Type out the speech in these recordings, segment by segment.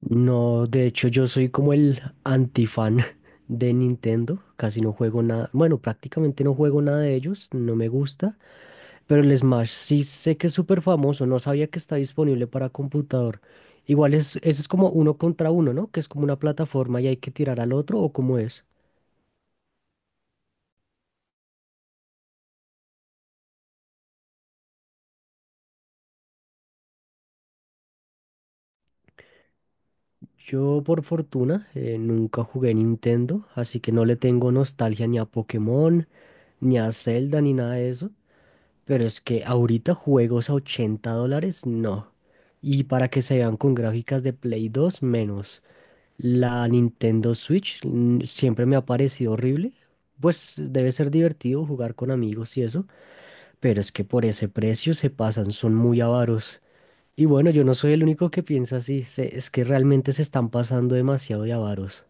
No, de hecho yo soy como el antifan de Nintendo, casi no juego nada, bueno, prácticamente no juego nada de ellos, no me gusta, pero el Smash sí sé que es súper famoso, no sabía que está disponible para computador. Igual es, ese es como uno contra uno, ¿no? Que es como una plataforma y hay que tirar al otro o cómo es. Yo por fortuna nunca jugué Nintendo, así que no le tengo nostalgia ni a Pokémon, ni a Zelda, ni nada de eso. Pero es que ahorita juegos a $80, no. Y para que se vean con gráficas de Play 2 menos. La Nintendo Switch siempre me ha parecido horrible. Pues debe ser divertido jugar con amigos y eso, pero es que por ese precio se pasan, son muy avaros. Y bueno, yo no soy el único que piensa así, es que realmente se están pasando demasiado de avaros.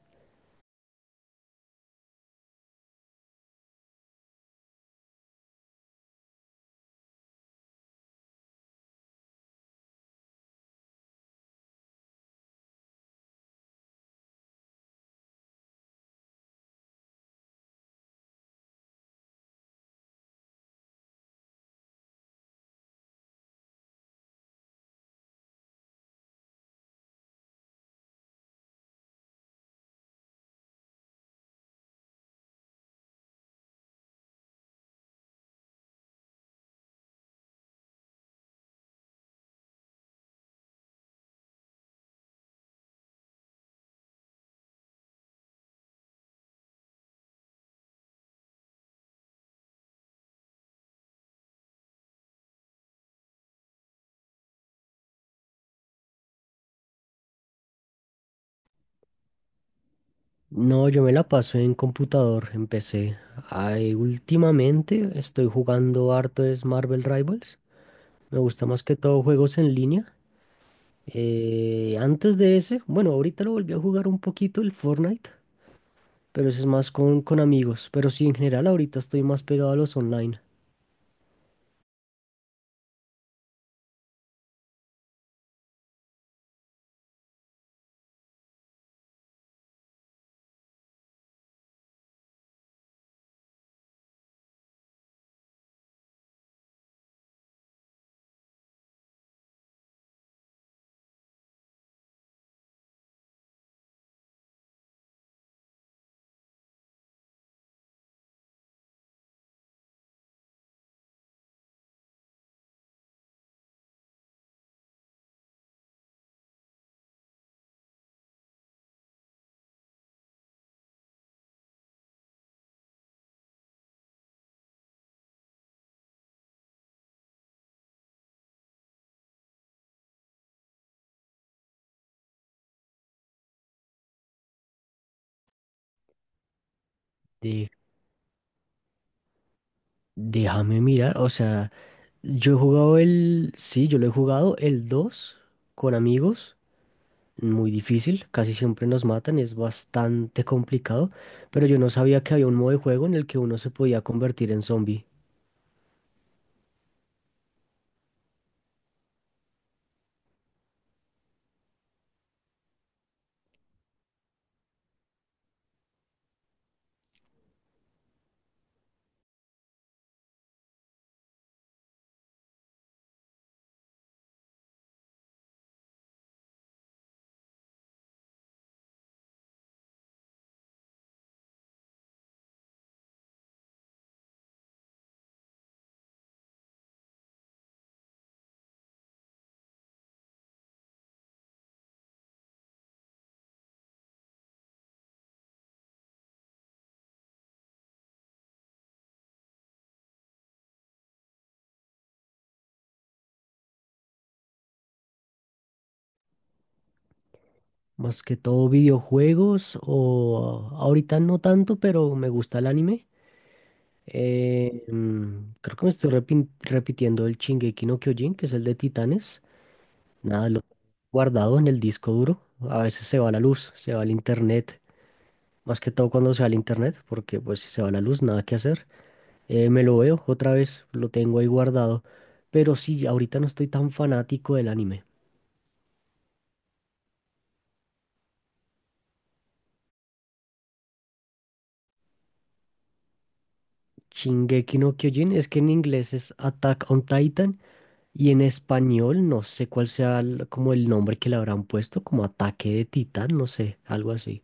No, yo me la paso en computador, en PC. Ay, últimamente estoy jugando harto es Marvel Rivals. Me gusta más que todo juegos en línea. Antes de ese, bueno, ahorita lo volví a jugar un poquito el Fortnite, pero eso es más con amigos. Pero sí, en general ahorita estoy más pegado a los online. De- déjame mirar, o sea, yo he jugado el, sí, yo lo he jugado el 2 con amigos. Muy difícil, casi siempre nos matan, es bastante complicado, pero yo no sabía que había un modo de juego en el que uno se podía convertir en zombie. Más que todo videojuegos o ahorita no tanto, pero me gusta el anime. Creo que me estoy repitiendo el Shingeki no Kyojin, que es el de Titanes. Nada, lo tengo guardado en el disco duro. A veces se va la luz, se va el internet. Más que todo cuando se va el internet, porque pues si se va la luz, nada que hacer. Me lo veo otra vez, lo tengo ahí guardado. Pero sí, ahorita no estoy tan fanático del anime. Shingeki no Kyojin, es que en inglés es Attack on Titan. Y en español, no sé cuál sea como el nombre que le habrán puesto, como ataque de titán, no sé, algo así.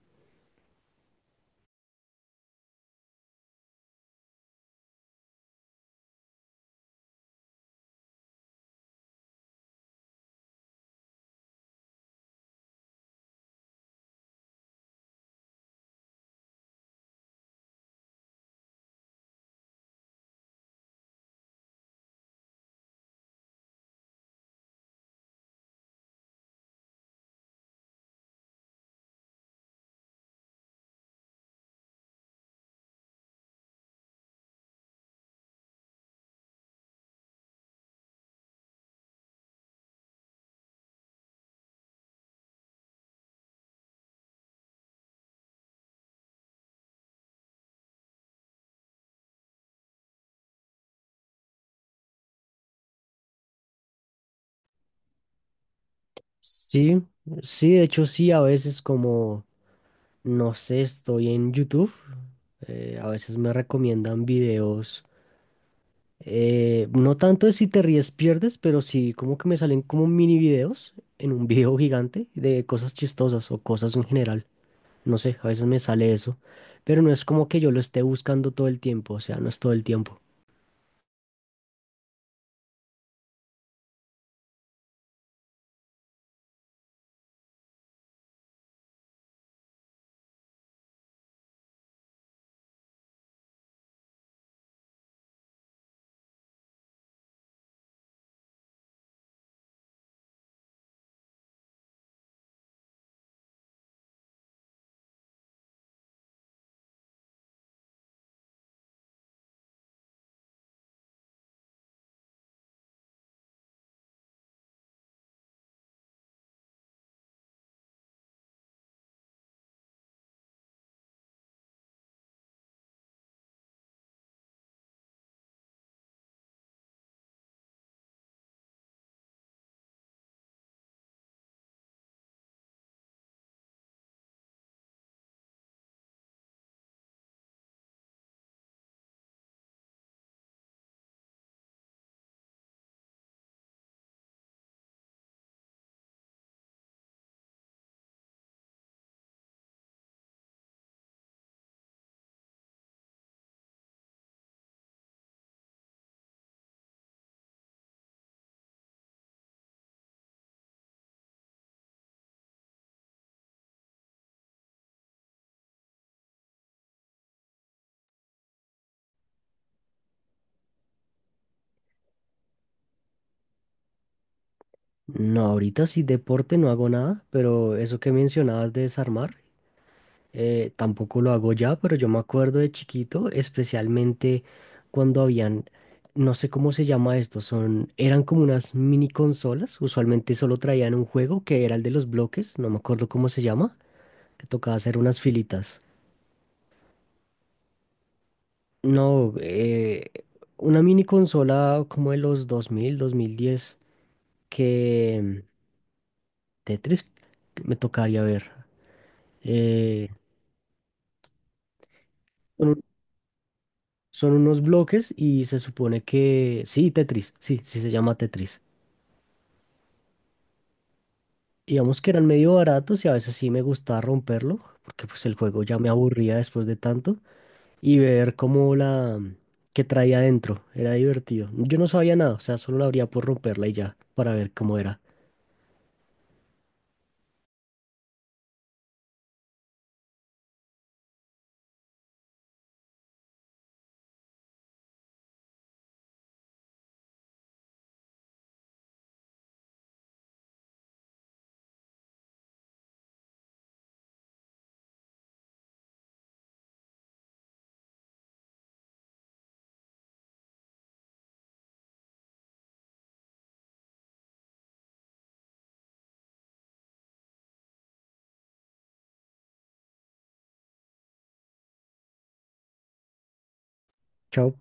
Sí, sí, de hecho sí, a veces como, no sé, estoy en YouTube, a veces me recomiendan videos, no tanto de si te ríes pierdes, pero sí como que me salen como mini videos en un video gigante de cosas chistosas o cosas en general. No sé, a veces me sale eso, pero no es como que yo lo esté buscando todo el tiempo, o sea, no es todo el tiempo. No, ahorita sí deporte no hago nada, pero eso que mencionabas de desarmar, tampoco lo hago ya, pero yo me acuerdo de chiquito, especialmente cuando habían, no sé cómo se llama esto, son, eran como unas mini consolas, usualmente solo traían un juego que era el de los bloques, no me acuerdo cómo se llama, que tocaba hacer unas filitas. No, una mini consola como de los 2000, 2010, que Tetris me tocaría ver. Eh, Son unos bloques y se supone que... Sí, Tetris, sí, sí se llama Tetris. Digamos que eran medio baratos y a veces sí me gustaba romperlo, porque pues el juego ya me aburría después de tanto, y ver cómo la... que traía adentro, era divertido. Yo no sabía nada, o sea, solo la abría por romperla y ya, para ver cómo era. Chao.